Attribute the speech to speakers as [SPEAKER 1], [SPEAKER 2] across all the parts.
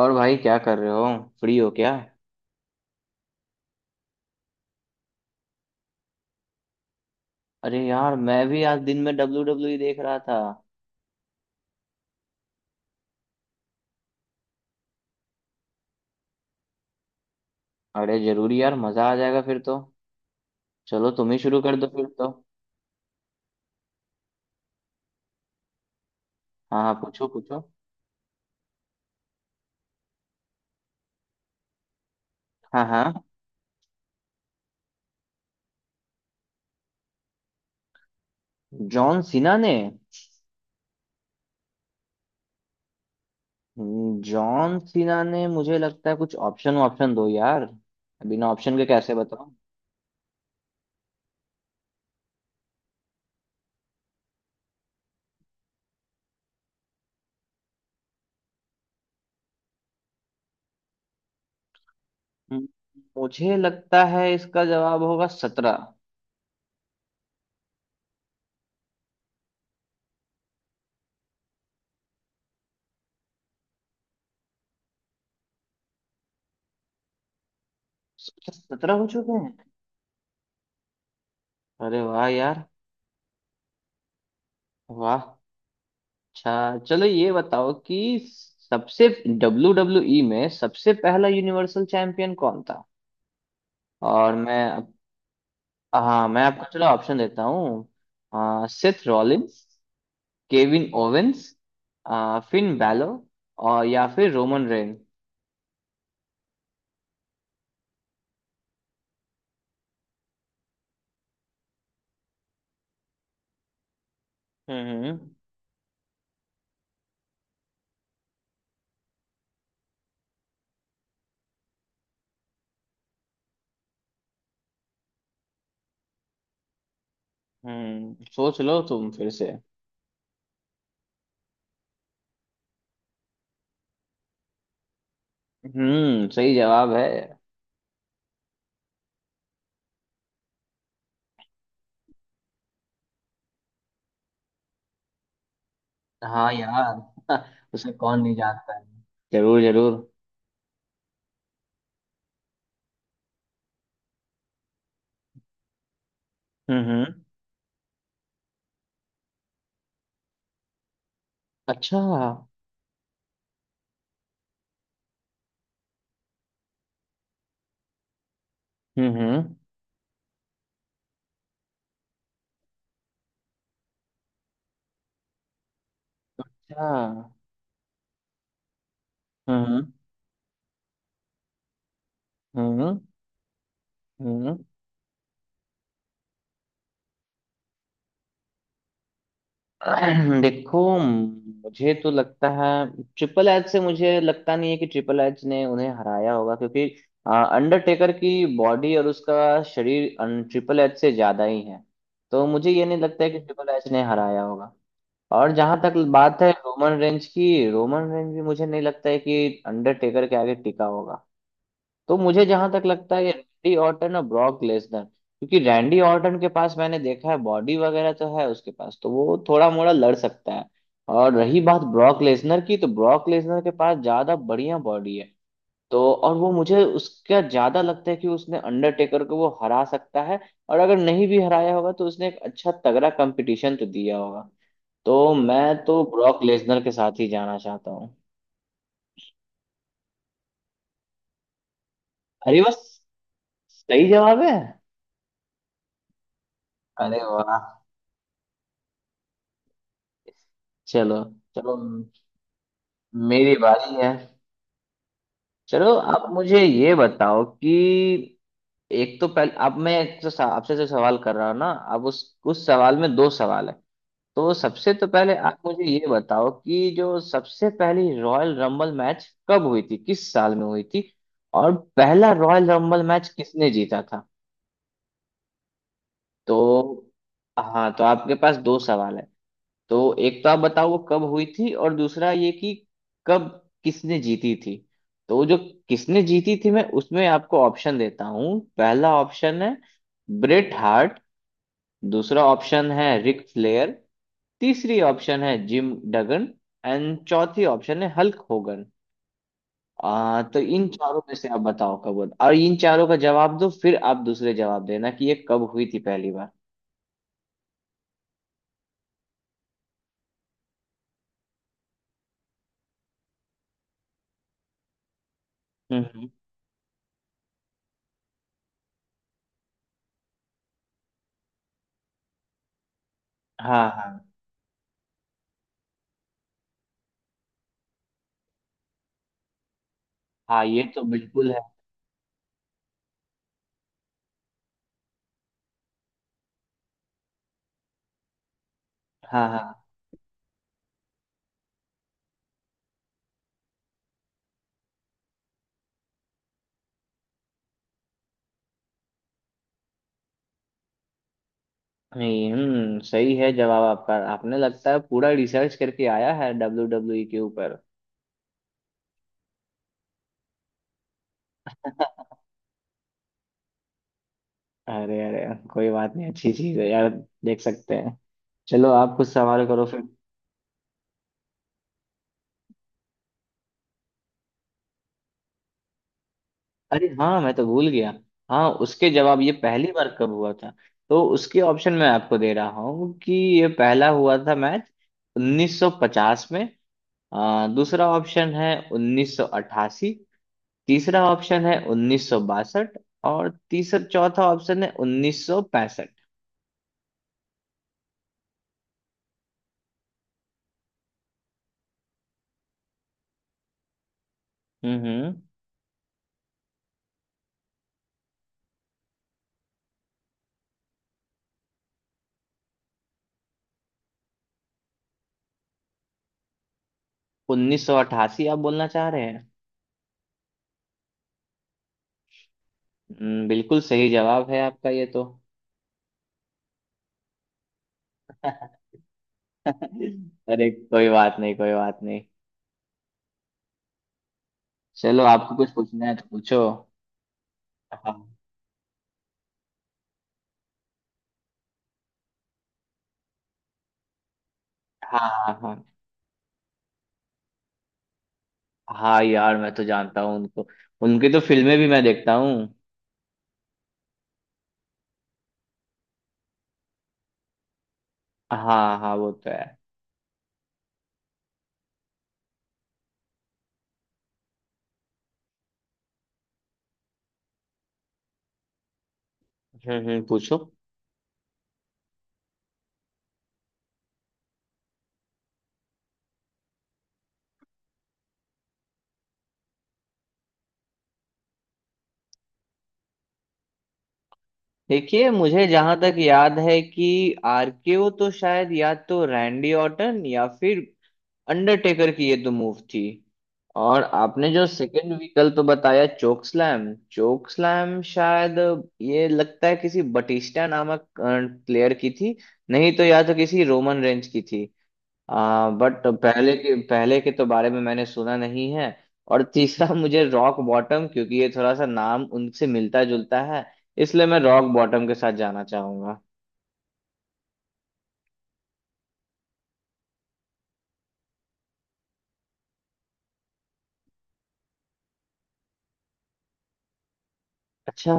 [SPEAKER 1] और भाई क्या कर रहे हो? फ्री हो क्या? अरे यार, मैं भी आज दिन में डब्ल्यू डब्ल्यू ई देख रहा था। अरे जरूरी यार, मजा आ जाएगा फिर तो। चलो तुम ही शुरू कर दो फिर तो। हाँ हाँ, पूछो पूछो। हाँ हाँ, जॉन सीना ने। जॉन सीना ने, मुझे लगता है, कुछ ऑप्शन ऑप्शन दो यार। बिना ऑप्शन के कैसे बताऊं? हम्म, मुझे लगता है इसका जवाब होगा 17। 17 हो चुके हैं। अरे वाह यार। वाह। अच्छा चलो ये बताओ कि सबसे डब्ल्यू डब्ल्यू ई में सबसे पहला यूनिवर्सल चैंपियन कौन था? और मैं। हाँ, मैं आपको चलो ऑप्शन देता हूँ। Seth Rollins. Kevin Owens. Fin Balor. और या फिर रोमन रेन। हम्म। सोच लो तुम फिर से। सही जवाब है। हाँ यार, उसे कौन नहीं जानता? जरूर जरूर। हम्म हम्म अच्छा हम्म। अच्छा। हम्म हम्म हम्म। देखो, मुझे तो लगता है। ट्रिपल एच से मुझे लगता नहीं है कि ट्रिपल एच ने उन्हें हराया होगा, क्योंकि अंडरटेकर की बॉडी और उसका शरीर ट्रिपल एच से ज्यादा ही है। तो मुझे ये नहीं लगता है कि ट्रिपल एच ने हराया होगा। और जहां तक बात है रोमन रेंज की, रोमन रेंज भी मुझे नहीं लगता है कि अंडरटेकर के आगे टिका होगा। तो मुझे जहां तक लगता है ये रैंडी ऑर्टन और ब्रॉक लेसनर, क्योंकि रैंडी ऑर्टन के पास मैंने देखा है बॉडी वगैरह तो है उसके पास, तो वो थोड़ा मोड़ा लड़ सकता है। और रही बात ब्रॉक लेसनर की, तो ब्रॉक लेसनर के पास ज्यादा बढ़िया बॉडी है। तो और वो मुझे उसका ज्यादा लगता है कि उसने अंडरटेकर को वो हरा सकता है। और अगर नहीं भी हराया होगा तो उसने एक अच्छा तगड़ा कंपटीशन तो दिया होगा। तो मैं तो ब्रॉक लेसनर के साथ ही जाना चाहता हूँ। अरे बस। सही जवाब है। अरे वाह। चलो। चलो। मेरी बारी है। चलो आप मुझे ये बताओ कि एक तो पहले, अब मैं एक आपसे जो सवाल कर रहा हूँ ना, अब उस सवाल में दो सवाल है। तो सबसे तो पहले आप मुझे ये बताओ कि जो सबसे पहली रॉयल रंबल मैच कब हुई थी, किस साल में हुई थी? और पहला रॉयल रंबल मैच किसने जीता था? तो हाँ, तो आपके पास दो सवाल है। तो एक तो आप बताओ वो कब हुई थी, और दूसरा ये कि कब, किसने जीती थी। तो जो किसने जीती थी, मैं उसमें आपको ऑप्शन देता हूँ। पहला ऑप्शन है ब्रेट हार्ट। दूसरा ऑप्शन है रिक फ्लेयर। तीसरी ऑप्शन है जिम डगन। एंड चौथी ऑप्शन है हल्क होगन। तो इन चारों में से आप बताओ कब हुआ और इन चारों का जवाब दो, फिर आप दूसरे जवाब देना कि ये कब हुई थी पहली बार। हम्म हम्म। हाँ हाँ हाँ, ये तो बिल्कुल है। हाँ हाँ। नहीं, सही है जवाब आपका। आपने लगता है पूरा रिसर्च करके आया है डब्ल्यू डब्ल्यू ई के ऊपर। अरे अरे। कोई बात नहीं, अच्छी चीज है यार। देख सकते हैं। चलो आप कुछ सवाल करो फिर। अरे हाँ, मैं तो भूल गया। हाँ, उसके जवाब ये पहली बार कब हुआ था? तो उसके ऑप्शन मैं आपको दे रहा हूँ कि ये पहला हुआ था मैच 1950 में। दूसरा ऑप्शन है 1988। तीसरा ऑप्शन है 1962। और तीसरा चौथा ऑप्शन है 1965। हम्म 1988 आप बोलना चाह रहे हैं? बिल्कुल सही जवाब है आपका ये तो। अरे कोई बात नहीं, कोई बात नहीं। चलो आपको कुछ पूछना है तो पूछो। हाँ हाँ हाँ हाँ। हाँ यार, मैं तो जानता हूँ उनको। उनकी तो फिल्में भी मैं देखता हूँ। हाँ हाँ, वो तो है। हम्म, पूछो। देखिए, मुझे जहां तक याद है कि आरकेओ तो शायद या तो रैंडी ऑर्टन या फिर अंडरटेकर की ये तो मूव थी। और आपने जो सेकंड व्हीकल तो बताया चोक स्लैम, चोक स्लैम शायद ये लगता है किसी बटिस्टा नामक प्लेयर की थी। नहीं तो या तो किसी रोमन रेंज की थी। बट पहले के तो बारे में मैंने सुना नहीं है। और तीसरा मुझे रॉक बॉटम, क्योंकि ये थोड़ा सा नाम उनसे मिलता जुलता है। इसलिए मैं रॉक बॉटम के साथ जाना चाहूंगा। अच्छा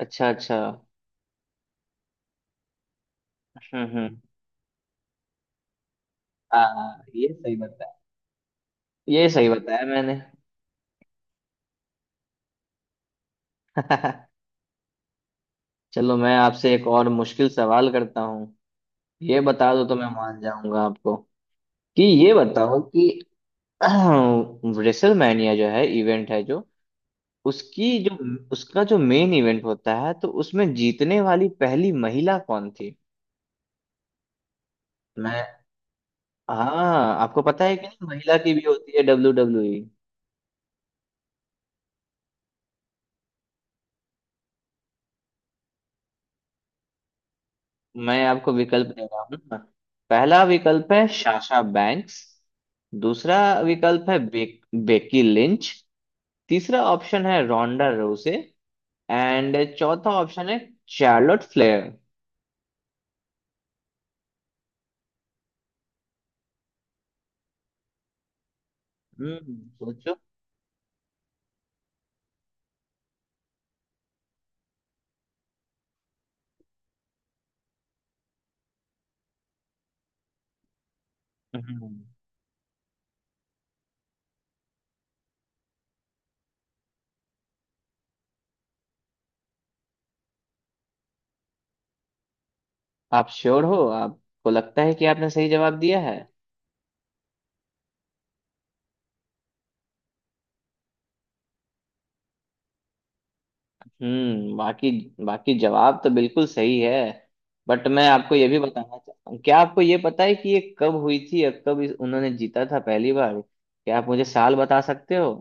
[SPEAKER 1] अच्छा अच्छा। हम्म। हाँ हाँ, ये सही बताया। ये सही बताया मैंने। चलो मैं आपसे एक और मुश्किल सवाल करता हूँ। ये बता दो तो मैं मान जाऊंगा आपको। कि ये बताओ कि रेसलमैनिया जो है इवेंट है, जो उसकी जो उसका जो मेन इवेंट होता है, तो उसमें जीतने वाली पहली महिला कौन थी? मैं। हाँ, आपको पता है कि नहीं, महिला की भी होती है डब्ल्यू डब्ल्यू ई। मैं आपको विकल्प दे रहा हूँ। पहला विकल्प है साशा बैंक्स। दूसरा विकल्प है बेकी लिंच। तीसरा ऑप्शन है रोंडा रोसे। एंड चौथा ऑप्शन है चार्लोट फ्लेयर। सोचो। हम्म, आप श्योर हो, आपको लगता है कि आपने सही जवाब दिया है? बाकी बाकी जवाब तो बिल्कुल सही है। बट मैं आपको ये भी बताना चाहता हूँ, क्या आपको ये पता है कि ये कब हुई थी और कब उन्होंने जीता था पहली बार? क्या आप मुझे साल बता सकते हो?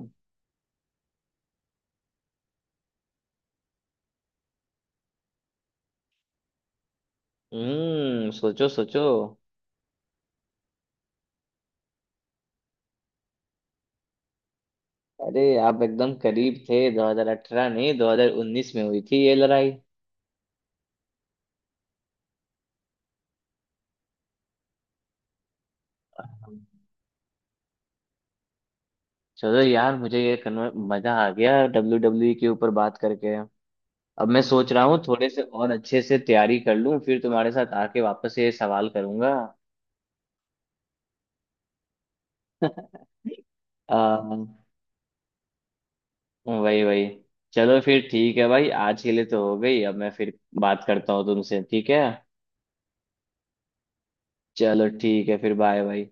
[SPEAKER 1] सोचो सोचो। अरे, आप एकदम करीब थे। 2018 नहीं, 2019 में हुई थी ये लड़ाई। चलो यार, मुझे ये कन्वर मजा आ गया डब्ल्यू डब्ल्यू के ऊपर बात करके। अब मैं सोच रहा हूँ थोड़े से और अच्छे से तैयारी कर लूँ, फिर तुम्हारे साथ आके वापस ये सवाल करूंगा। आ, वही वही। चलो फिर ठीक है भाई, आज के लिए तो हो गई। अब मैं फिर बात करता हूँ तुमसे, ठीक है? चलो ठीक है फिर, बाय भाई।